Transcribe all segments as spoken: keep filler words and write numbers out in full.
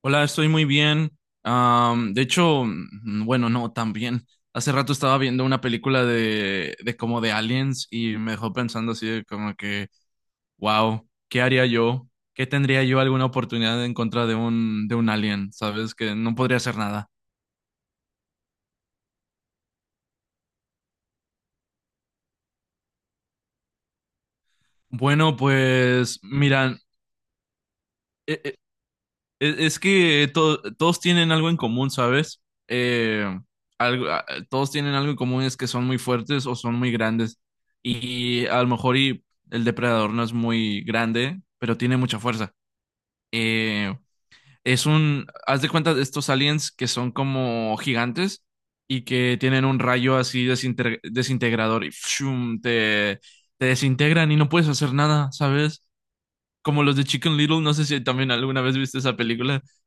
Hola, estoy muy bien. Am, de hecho, mm, bueno, no, tan bien. Hace rato estaba viendo una película de, de como de aliens y me dejó pensando así de como que, wow, ¿qué haría yo? ¿Qué tendría yo alguna oportunidad en contra de un, de un alien? ¿Sabes? Que no podría hacer nada. Bueno, pues mira, e- Es, es que to- todos tienen algo en común, ¿sabes? Eh, algo, a- todos tienen algo en común, es que son muy fuertes o son muy grandes. Y a lo mejor y el depredador no es muy grande, pero tiene mucha fuerza. Eh, es un, haz de cuenta de estos aliens que son como gigantes y que tienen un rayo así desinter- desintegrador y ¡fshum! te, te desintegran y no puedes hacer nada, ¿sabes? Como los de Chicken Little, no sé si también alguna vez viste esa película.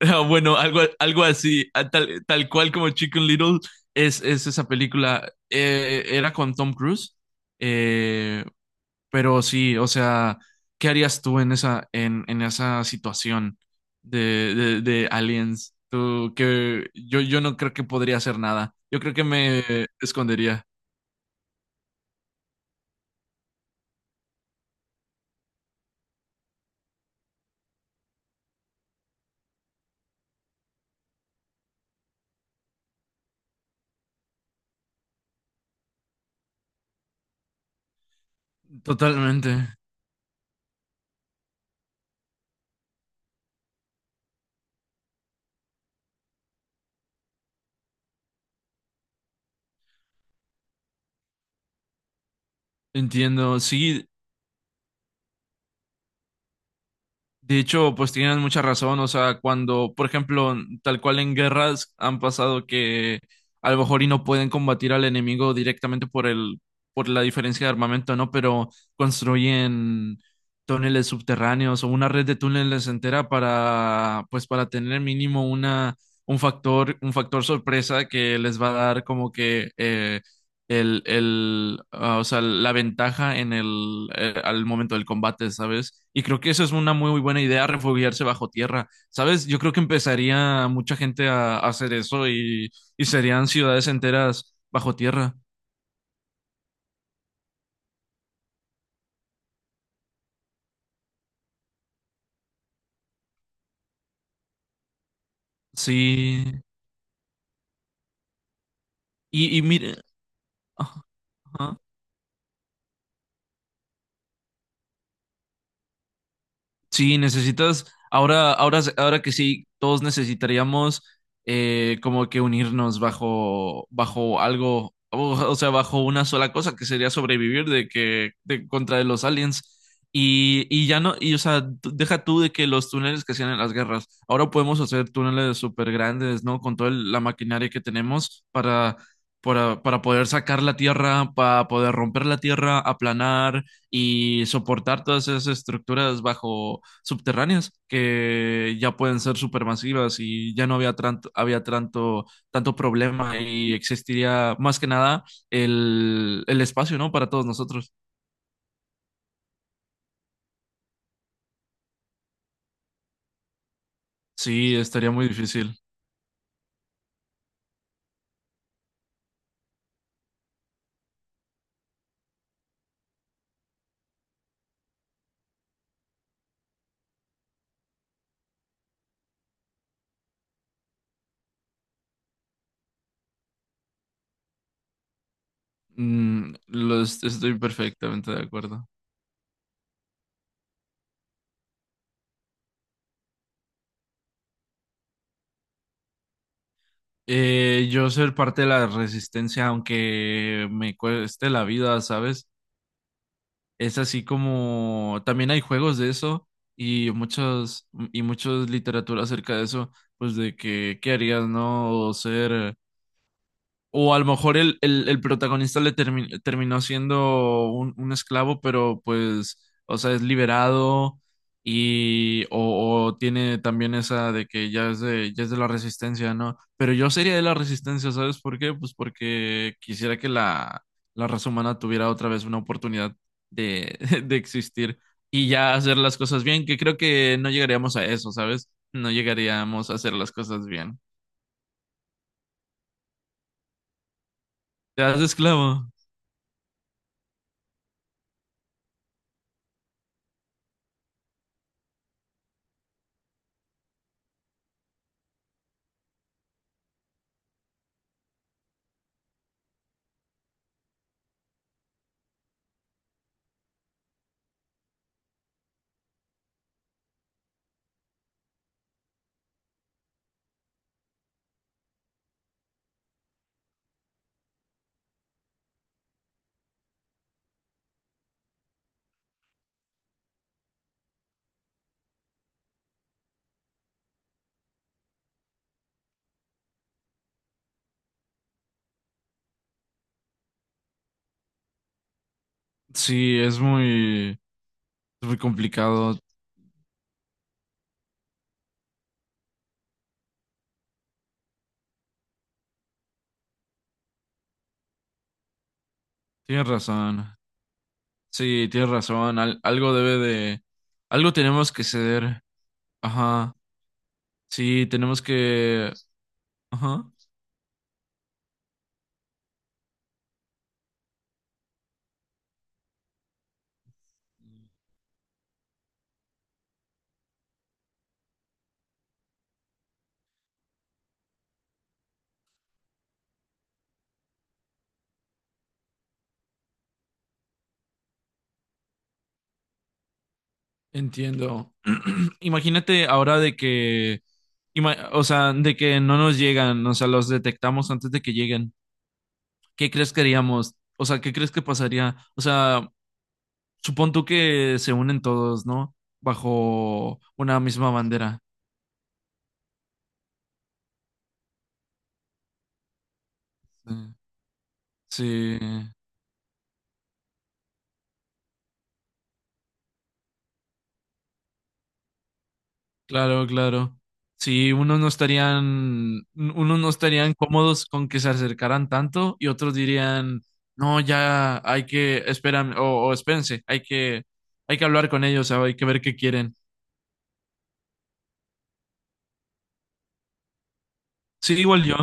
Ah, bueno, algo, algo así, ah, tal, tal cual como Chicken Little es, es esa película. Eh, era con Tom Cruise, eh, pero sí, o sea, ¿qué harías tú en esa, en, en esa situación de, de, de aliens? Tú, que yo, yo no creo que podría hacer nada. Yo creo que me escondería. Totalmente. Entiendo. Sí. De hecho, pues tienen mucha razón, o sea, cuando, por ejemplo, tal cual en guerras han pasado que a lo mejor y no pueden combatir al enemigo directamente por el, por la diferencia de armamento, ¿no? Pero construyen túneles subterráneos o una red de túneles entera para, pues para tener mínimo una, un factor, un factor sorpresa que les va a dar como que eh, el, el, ah, o sea, la ventaja en el, eh, al momento del combate, ¿sabes? Y creo que eso es una muy, muy buena idea, refugiarse bajo tierra, ¿sabes? Yo creo que empezaría mucha gente a, a hacer eso y, y serían ciudades enteras bajo tierra. Sí. Y, y mire. ah, ajá, Sí, necesitas, ahora, ahora, ahora que sí, todos necesitaríamos eh, como que unirnos bajo, bajo algo, o, o sea, bajo una sola cosa que sería sobrevivir de que, de contra los aliens. Y, y ya no, y o sea, tú- deja tú de que los túneles que hacían en las guerras, ahora podemos hacer túneles súper grandes, ¿no? Con toda el- la maquinaria que tenemos para, para, para poder sacar la tierra, para poder romper la tierra, aplanar y soportar todas esas estructuras bajo subterráneas que ya pueden ser supermasivas y ya no había tanto, había tanto, tanto problema y existiría más que nada el, el espacio, ¿no? Para todos nosotros. Sí, estaría muy difícil. Mm, lo es- estoy perfectamente de acuerdo. Eh, yo ser parte de la resistencia, aunque me cueste la vida, ¿sabes? Es así como también hay juegos de eso y muchas y muchas literatura acerca de eso, pues de que qué harías, ¿no? O ser o a lo mejor el, el- el protagonista le termi- terminó siendo un, un esclavo, pero pues, o sea, es liberado y o, o tiene también esa de que ya es de, ya es de la resistencia, ¿no? Pero yo sería de la resistencia, ¿sabes por qué? Pues porque quisiera que la, la raza humana tuviera otra vez una oportunidad de, de existir y ya hacer las cosas bien, que creo que no llegaríamos a eso, ¿sabes? No llegaríamos a hacer las cosas bien. Te das esclavo. Sí, es muy, es muy complicado. Tienes razón. Sí, tienes razón. Al- algo debe de, algo tenemos que ceder. Ajá. Sí, tenemos que, ajá. Entiendo. Imagínate ahora de que, ima- o sea, de que no nos llegan, o sea, los detectamos antes de que lleguen. ¿Qué crees que haríamos? O sea, ¿qué crees que pasaría? O sea, supón tú que se unen todos, ¿no? Bajo una misma bandera. Sí. Sí. Claro, claro. Sí, unos no estarían, unos no estarían cómodos con que se acercaran tanto y otros dirían, no, ya hay que, esperan, o, o espérense, hay que, hay que hablar con ellos, o hay que ver qué quieren. Sí, igual yo,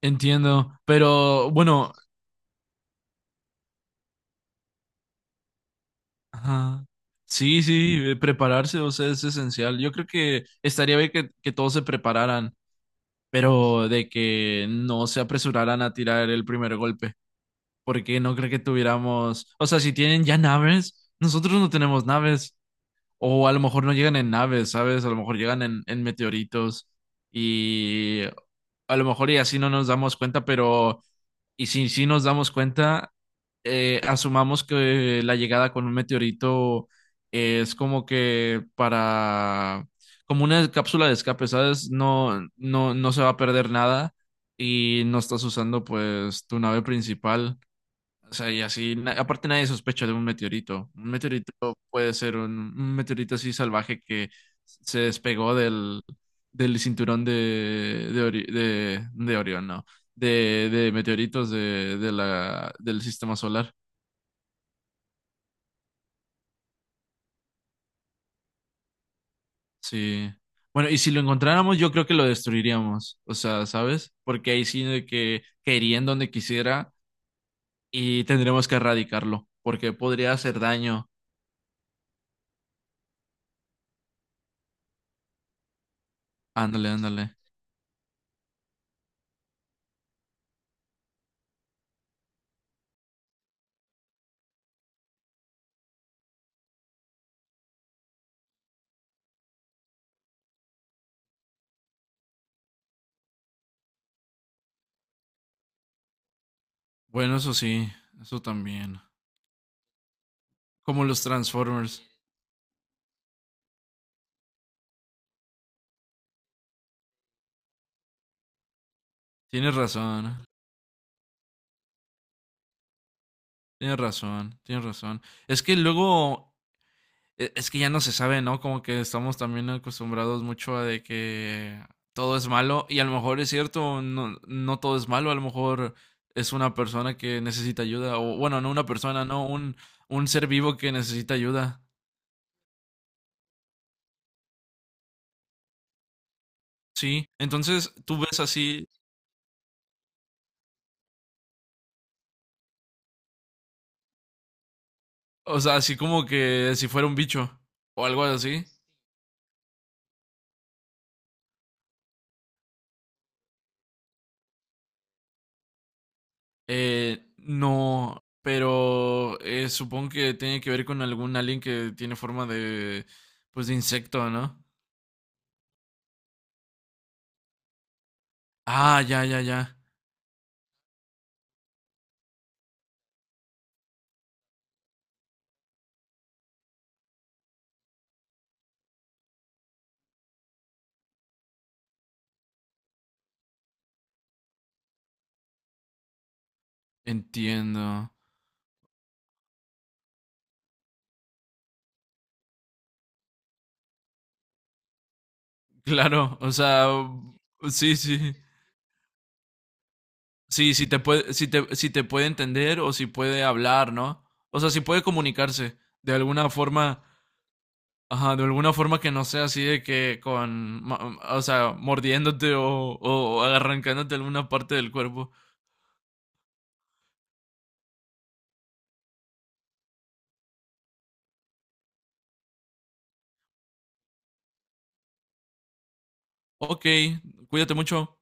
entiendo, pero bueno, ajá. Sí, sí, eh, prepararse, o sea, es esencial. Yo creo que estaría bien que, que todos se prepararan, pero de que no se apresuraran a tirar el primer golpe. Porque no creo que tuviéramos, o sea, si tienen ya naves, nosotros no tenemos naves, o a lo mejor no llegan en naves, ¿sabes? A lo mejor llegan en, en meteoritos y a lo mejor y así no nos damos cuenta, pero y si sí nos damos cuenta, eh, asumamos que la llegada con un meteorito es como que para, como una cápsula de escape, ¿sabes? No, no, no se va a perder nada. Y no estás usando pues tu nave principal. O sea, y así, na- aparte nadie sospecha de un meteorito. Un meteorito puede ser un, un meteorito así salvaje que se despegó del, del cinturón de, de, Ori- de, de Orión, no, de, de meteoritos de, de la, del sistema solar. Sí. Bueno, y si lo encontráramos, yo creo que lo destruiríamos. O sea, ¿sabes? Porque ahí sí de que caería en donde quisiera y tendremos que erradicarlo, porque podría hacer daño. Ándale, ándale. Bueno, eso sí, eso también. Como los Transformers. Tienes razón, ¿eh? Tienes razón, tienes razón. Es que luego, e- es que ya no se sabe, ¿no? Como que estamos también acostumbrados mucho a de que todo es malo y a lo mejor es cierto, no, no todo es malo, a lo mejor es una persona que necesita ayuda o bueno, no una persona, no, un, un ser vivo que necesita ayuda. Sí, entonces tú ves así, o sea, así como que si fuera un bicho o algo así. Eh, no, pero eh, supongo que tiene que ver con algún alien que tiene forma de, pues, de insecto, ¿no? Ah, ya, ya, ya. Entiendo. Claro, o sea, sí, sí. Sí, si te puede, si te, si te puede entender o si puede hablar, ¿no? O sea, si puede comunicarse de alguna forma, ajá, de alguna forma que no sea así de que con, ma- o sea, mordiéndote o, o arrancándote alguna parte del cuerpo. Ok, cuídate mucho.